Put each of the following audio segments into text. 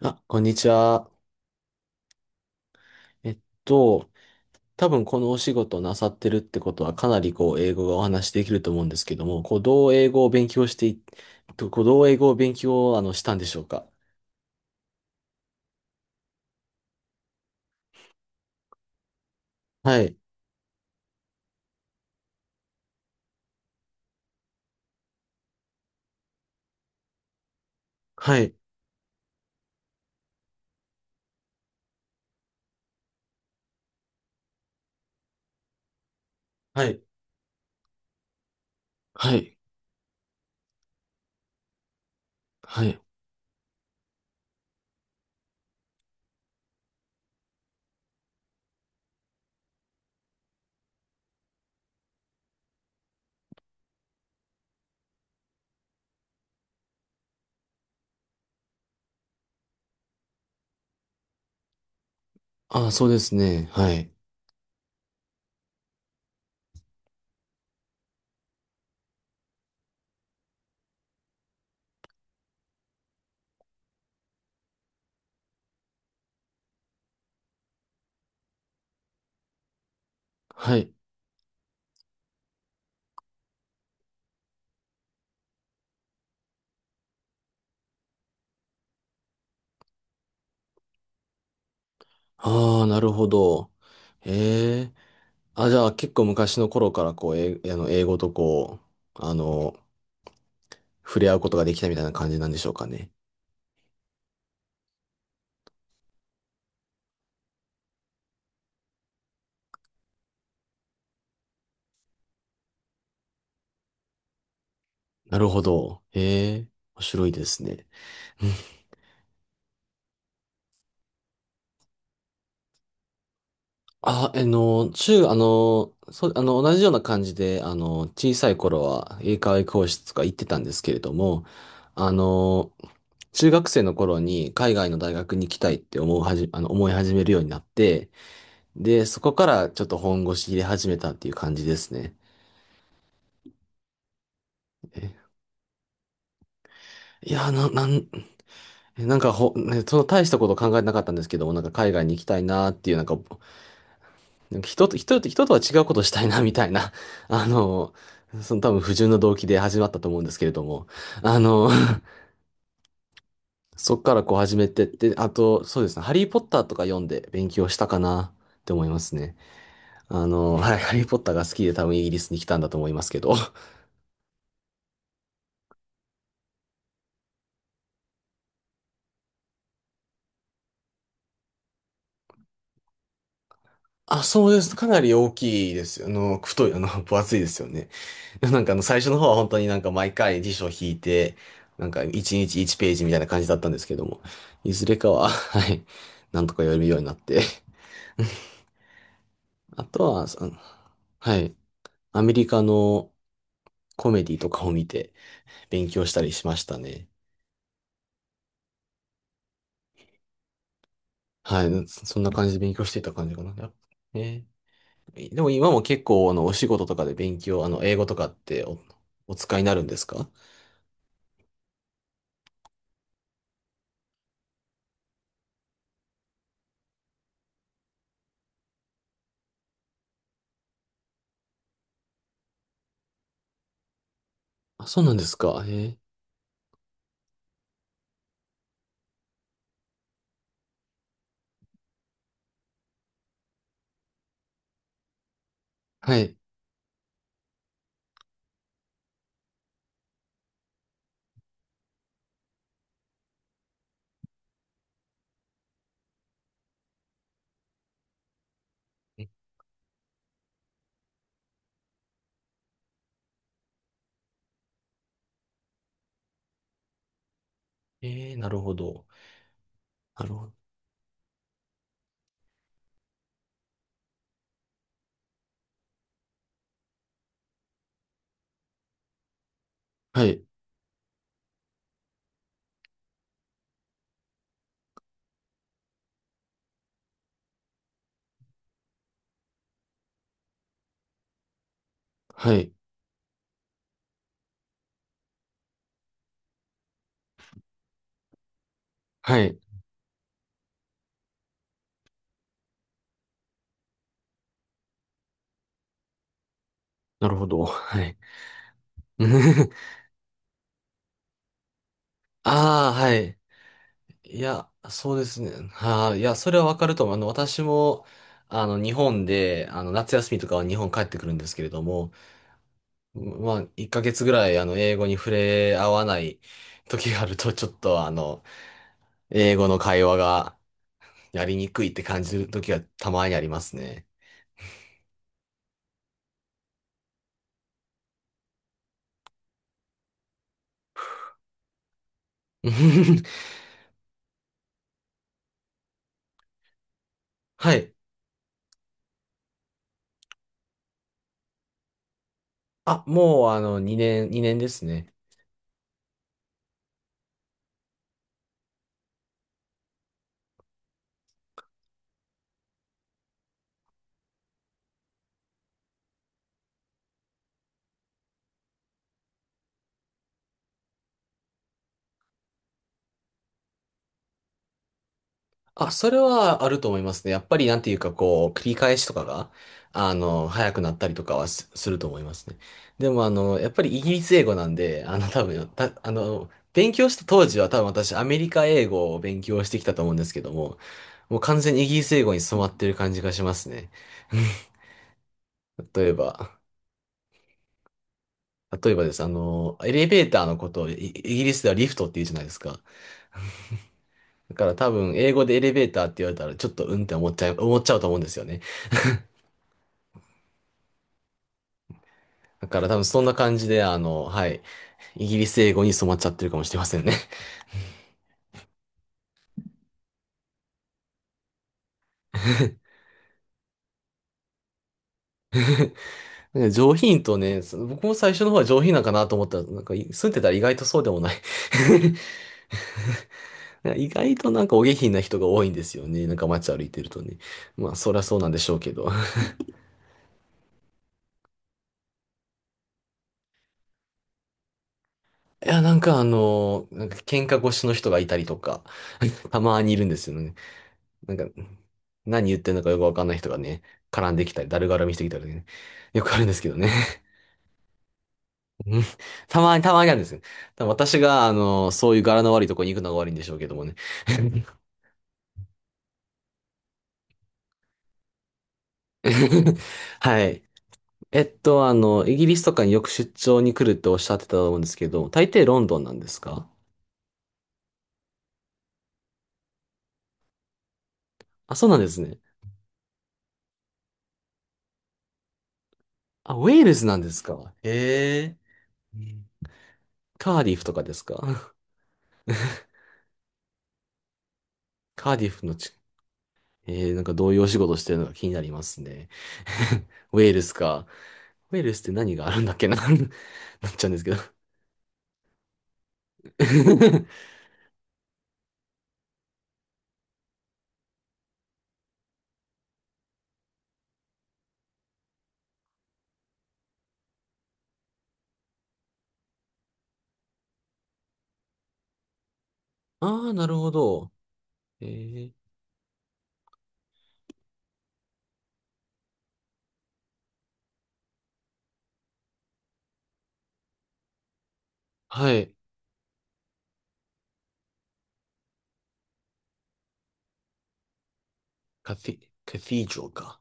あ、こんにちは。えっと、多分このお仕事なさってるってことはかなりこう英語がお話しできると思うんですけども、こうどう英語を勉強してい、とこうどう英語を勉強をしたんでしょうか？はい。はい。はい。はい。はい。あ、そうですね。はい。はい。ああ、なるほど。ええ。あ、じゃあ結構昔の頃からこう、え、あの、英語とう、あの、触れ合うことができたみたいな感じなんでしょうかね。なるほど。ええ、面白いですね。あ、あの、中、あの、そう、同じような感じで、小さい頃は英会話教室とか行ってたんですけれども、あの、中学生の頃に海外の大学に行きたいって思うはじ、あの、思い始めるようになって、で、そこからちょっと本腰入れ始めたっていう感じですね。えいや、なんかねその大したこと考えてなかったんですけども、なんか海外に行きたいなっていう、なんか人とは違うことをしたいな、みたいな、あの、多分不純な動機で始まったと思うんですけれども、あの、そっからこう始めてって、あと、そうですね、ハリーポッターとか読んで勉強したかなって思いますね。はい、ハリーポッターが好きで多分イギリスに来たんだと思いますけど。あ、そうです。かなり大きいです。あの、太い、あの、分厚いですよね。で最初の方は本当になんか毎回辞書を引いて、なんか1日1ページみたいな感じだったんですけども、いずれかは、はい、なんとか読めるようになって。あとは、はい、アメリカのコメディとかを見て勉強したりしましたね。はい、そそんな感じで勉強していた感じかな。ね、でも今も結構、お仕事とかで勉強、あの、英語とかってお使いになるんですか？あ、そうなんですか。はい。ええー、なるほど。なるほど。はい。はい。はい。なるほど。はい。ああ、はい。いや、そうですね。はあ、いや、それはわかると思う。私も、日本で、夏休みとかは日本帰ってくるんですけれども、まあ、1ヶ月ぐらい、英語に触れ合わない時があると、ちょっと、英語の会話がやりにくいって感じる時がたまにありますね。はい。あ、もう2年、2年ですね。あ、それはあると思いますね。やっぱりなんていうか繰り返しとかが、早くなったりとかはすると思いますね。でもやっぱりイギリス英語なんで、多分、た、あの、勉強した当時は多分私アメリカ英語を勉強してきたと思うんですけども、もう完全にイギリス英語に染まってる感じがしますね。例えば、例えばです。エレベーターのことをイイギリスではリフトって言うじゃないですか。だから多分、英語でエレベーターって言われたら、ちょっとうんって思っちゃうと思うんですよね。だから多分そんな感じで、はい、イギリス英語に染まっちゃってるかもしれませんね。なんか上品とね、僕も最初の方は上品なんかなと思ったら、なんか住んでたら意外とそうでもない 意外となんかお下品な人が多いんですよね。なんか街歩いてるとね。まあ、そりゃそうなんでしょうけど。いや、なんかなんか喧嘩腰の人がいたりとか、たまにいるんですよね。なんか、何言ってんのかよくわかんない人がね、絡んできたり、だるがらみしてきたりね、よくあるんですけどね。うんたまにあるんですよ。多分私が、そういう柄の悪いとこに行くのが悪いんでしょうけどもね。はい。イギリスとかによく出張に来るっておっしゃってたと思うんですけど、大抵ロンドンなんですか？あ、そうなんですね。あ、ウェールズなんですか？へえ。カーディフとかですか？ カーディフのち、なんかどういうお仕事してるのか気になりますね。ウェールスか。ウェールスって何があるんだっけな なっちゃうんですけど ああ、なるほど。えー、はい。カティ、カティージョか。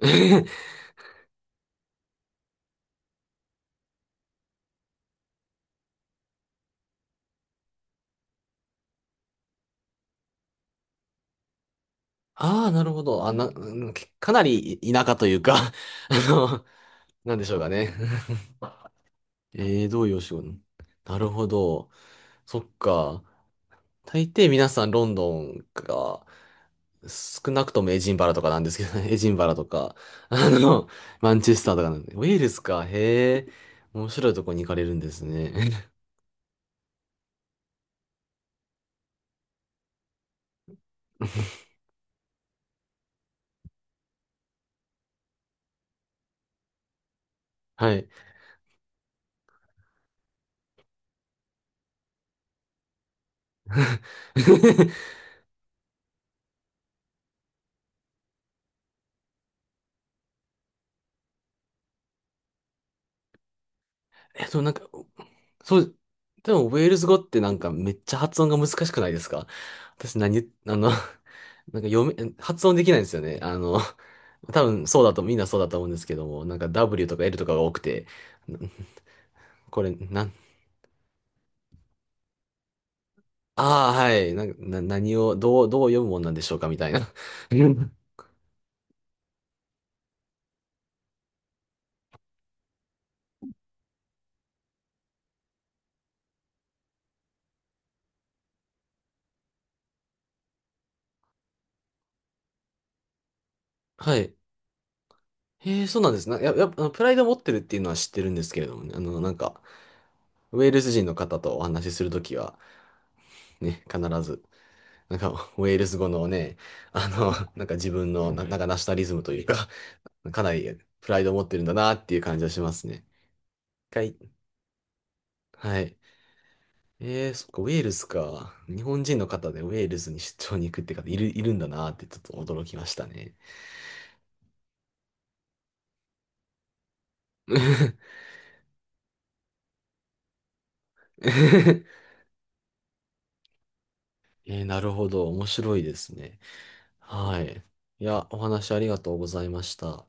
ああ、なるほど。うんかなり田舎というか の、なんでしょうかね。どういうお仕事なるほど。そっか。大抵皆さんロンドンが少なくともエジンバラとかなんですけどね。エジンバラとか、あの、マンチェスターとかなんで。ウェールズか、へえ。面白いとこに行かれるんですね。はい。なんか、そう、でも、ウェールズ語ってなんかめっちゃ発音が難しくないですか？私何言、あの、なんか発音できないんですよね。あの、多分そうだと、みんなそうだと思うんですけども、なんか W とか L とかが多くて、なこれ、なん、ああ、はい。なんか、何を、どう読むもんなんでしょうかみたいな。はい。へえ、そうなんですね。やっぱ、プライドを持ってるっていうのは知ってるんですけれどもね。なんか、ウェールズ人の方とお話しするときは、ね、必ず、なんか、ェールズ語のね、なんか自分の、なんかナショナリズムというか、かなりプライドを持ってるんだなっていう感じはしますね。一回、はい。そっか、ウェールズか。日本人の方でウェールズに出張に行くって方いるんだなってちょっと驚きましたね。えなるほど。面白いですね。はい。いや、お話ありがとうございました。